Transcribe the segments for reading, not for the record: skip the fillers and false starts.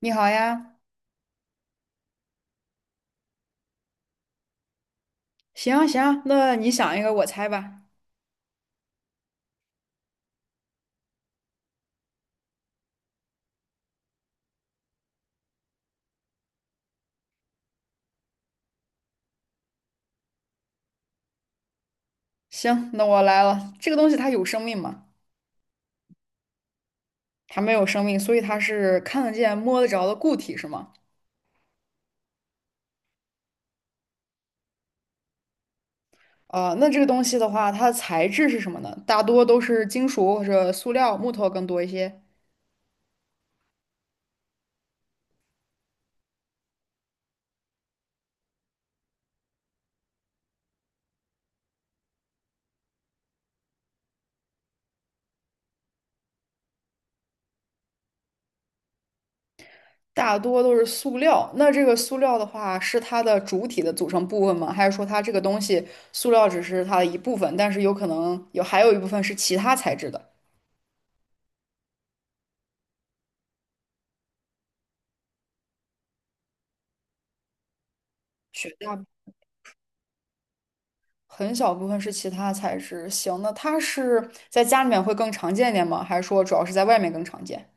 你好呀，行行，那你想一个，我猜吧。行，那我来了。这个东西它有生命吗？它没有生命，所以它是看得见、摸得着的固体，是吗？那这个东西的话，它的材质是什么呢？大多都是金属或者塑料、木头更多一些。大多都是塑料。那这个塑料的话，是它的主体的组成部分吗？还是说它这个东西，塑料只是它的一部分，但是有可能有还有一部分是其他材质的？雪大。很小部分是其他材质。行，那它是在家里面会更常见一点吗？还是说主要是在外面更常见？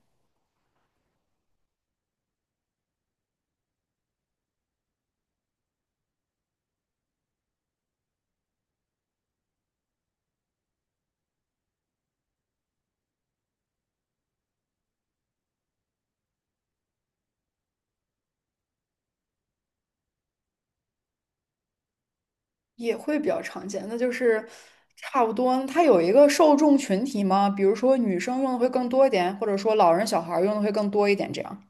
也会比较常见，那就是差不多。它有一个受众群体吗？比如说女生用的会更多一点，或者说老人小孩儿用的会更多一点，这样。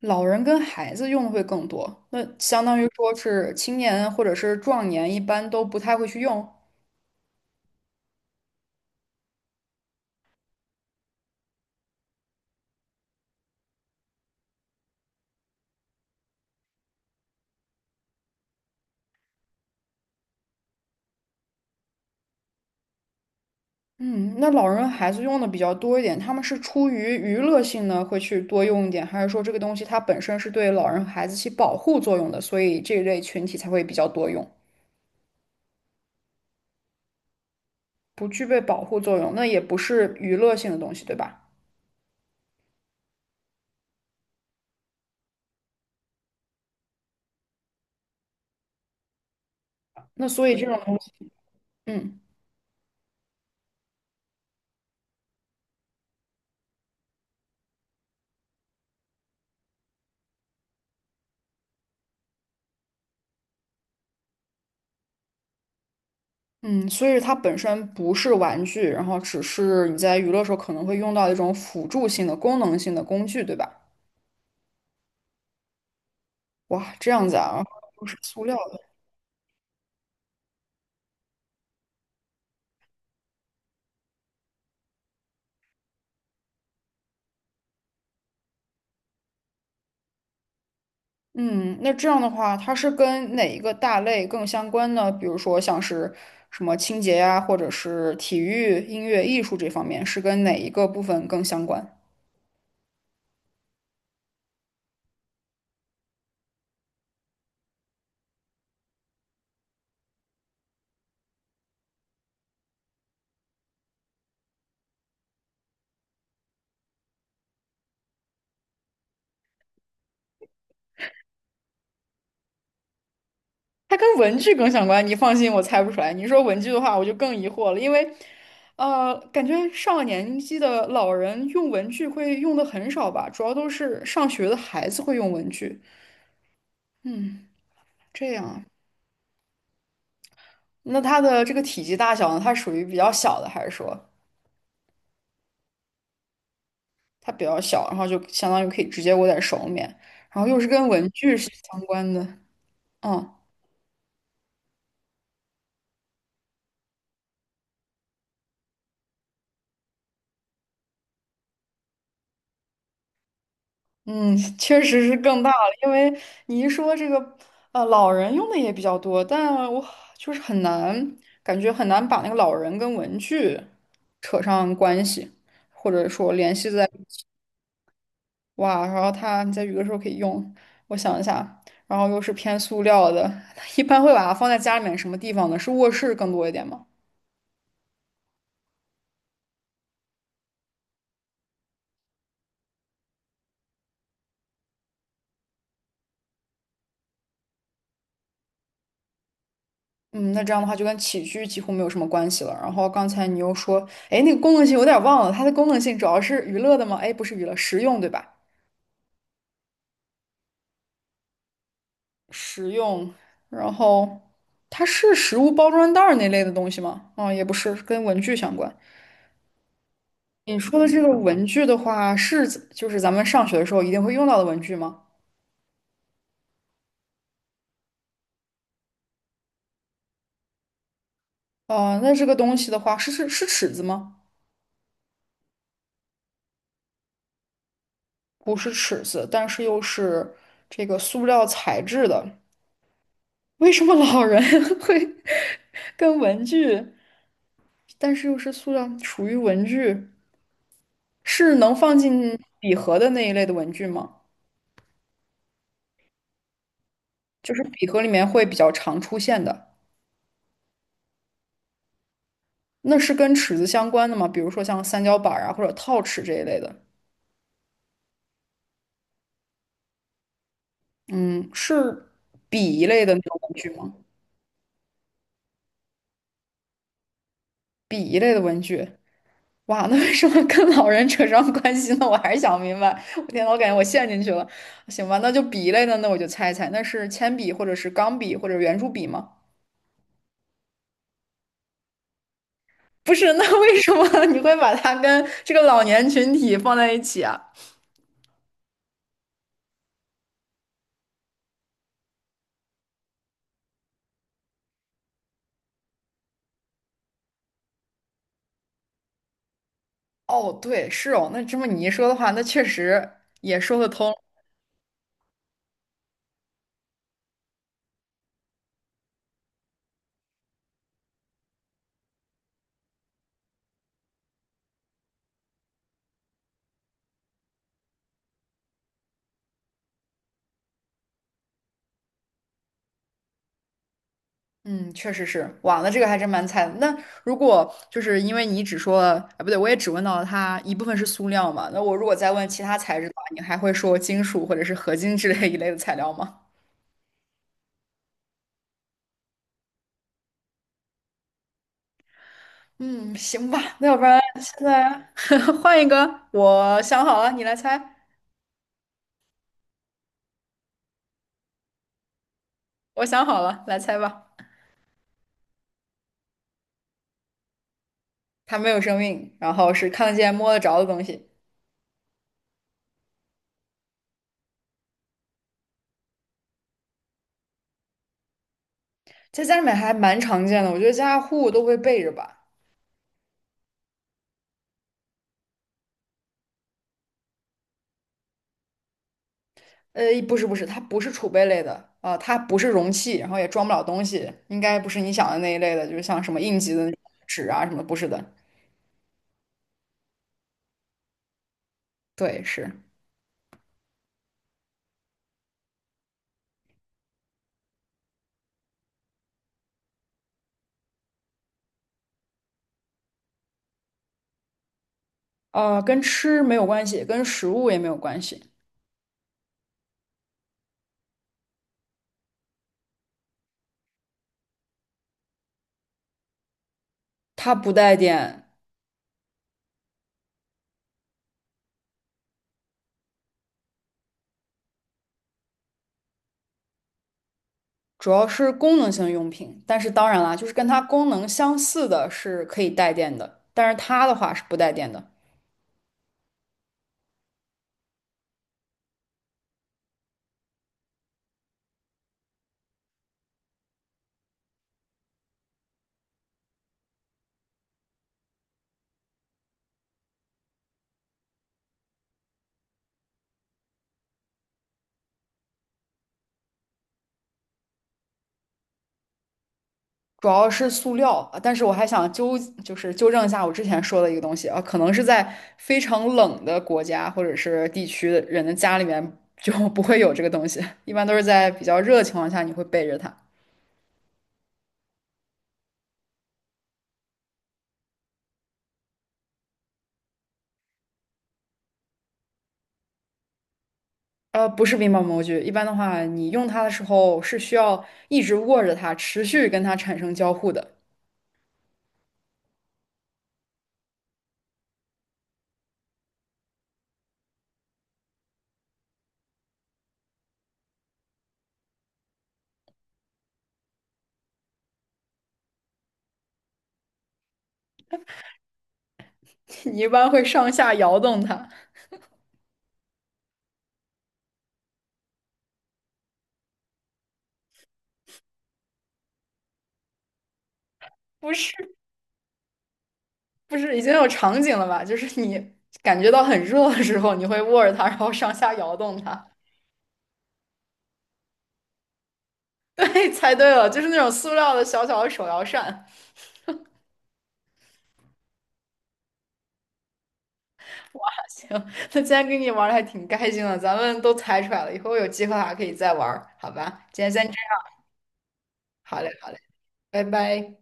老人跟孩子用的会更多，那相当于说是青年或者是壮年一般都不太会去用。嗯，那老人孩子用的比较多一点，他们是出于娱乐性呢，会去多用一点，还是说这个东西它本身是对老人孩子起保护作用的，所以这一类群体才会比较多用？不具备保护作用，那也不是娱乐性的东西，对吧？那所以这种东西，嗯嗯，所以它本身不是玩具，然后只是你在娱乐时候可能会用到一种辅助性的、功能性的工具，对吧？哇，这样子啊，都是塑料。的。嗯，那这样的话，它是跟哪一个大类更相关呢？比如说像是什么清洁呀，或者是体育、音乐、艺术这方面，是跟哪一个部分更相关？它跟文具更相关，你放心，我猜不出来。你说文具的话，我就更疑惑了，因为，感觉上了年纪的老人用文具会用的很少吧，主要都是上学的孩子会用文具。嗯，这样啊，那它的这个体积大小呢，它属于比较小的，还是说？它比较小，然后就相当于可以直接握在手里面，然后又是跟文具是相关的，嗯嗯，确实是更大了，因为你一说这个，老人用的也比较多，但我就是很难，感觉很难把那个老人跟文具扯上关系，或者说联系在，哇，然后他你在有的时候可以用，我想一下，然后又是偏塑料的，一般会把它放在家里面什么地方呢？是卧室更多一点吗？嗯，那这样的话就跟起居几乎没有什么关系了。然后刚才你又说，哎，那个功能性有点忘了，它的功能性主要是娱乐的吗？哎，不是娱乐，实用对吧？实用，然后它是食物包装袋儿那类的东西吗？啊、也不是，跟文具相关。你说的这个文具的话，是指就是咱们上学的时候一定会用到的文具吗？哦、那这个东西的话，是尺子吗？不是尺子，但是又是这个塑料材质的。为什么老人 会跟文具，但是又是塑料，属于文具，是能放进笔盒的那一类的文具吗？就是笔盒里面会比较常出现的，那是跟尺子相关的吗？比如说像三角板儿啊，或者套尺这一类的。嗯，是笔一类的那种文具吗？笔一类的文具，哇，那为什么跟老人扯上关系呢？我还是想不明白。我天呐我感觉我陷进去了。行吧，那就笔一类的，那我就猜一猜，那是铅笔或者是钢笔或者圆珠笔吗？不是，那为什么 你会把它跟这个老年群体放在一起啊？哦，对，是哦，那这么你一说的话，那确实也说得通。嗯，确实是，哇，那这个还真蛮菜的。那如果就是因为你只说了，啊，不对，我也只问到了它一部分是塑料嘛，那我如果再问其他材质的话，你还会说金属或者是合金之类一类的材料吗？嗯，行吧，那要不然现在 换一个，我想好了，你来猜。我想好了，来猜吧。它没有生命，然后是看得见、摸得着的东西，在家里面还蛮常见的，我觉得家家户户都会备着吧。不是不是，它不是储备类的啊、它不是容器，然后也装不了东西，应该不是你想的那一类的，就是像什么应急的那种纸啊什么的不是的。对，是，跟吃没有关系，跟食物也没有关系，它不带电，主要是功能性用品。但是当然啦，就是跟它功能相似的是可以带电的，但是它的话是不带电的。主要是塑料，啊，但是我还想纠，就是纠正一下我之前说的一个东西啊，可能是在非常冷的国家或者是地区的人的家里面就不会有这个东西，一般都是在比较热的情况下你会背着它。不是冰棒模具，一般的话你用它的时候是需要一直握着它，持续跟它产生交互的，你一般会上下摇动它。不是不是，已经有场景了吧？就是你感觉到很热的时候，你会握着它，然后上下摇动它。对，猜对了，就是那种塑料的小小的手摇扇。行，那今天跟你玩的还挺开心的，咱们都猜出来了，以后有机会还可以再玩儿好吧？今天先这样，好嘞，好嘞，拜拜。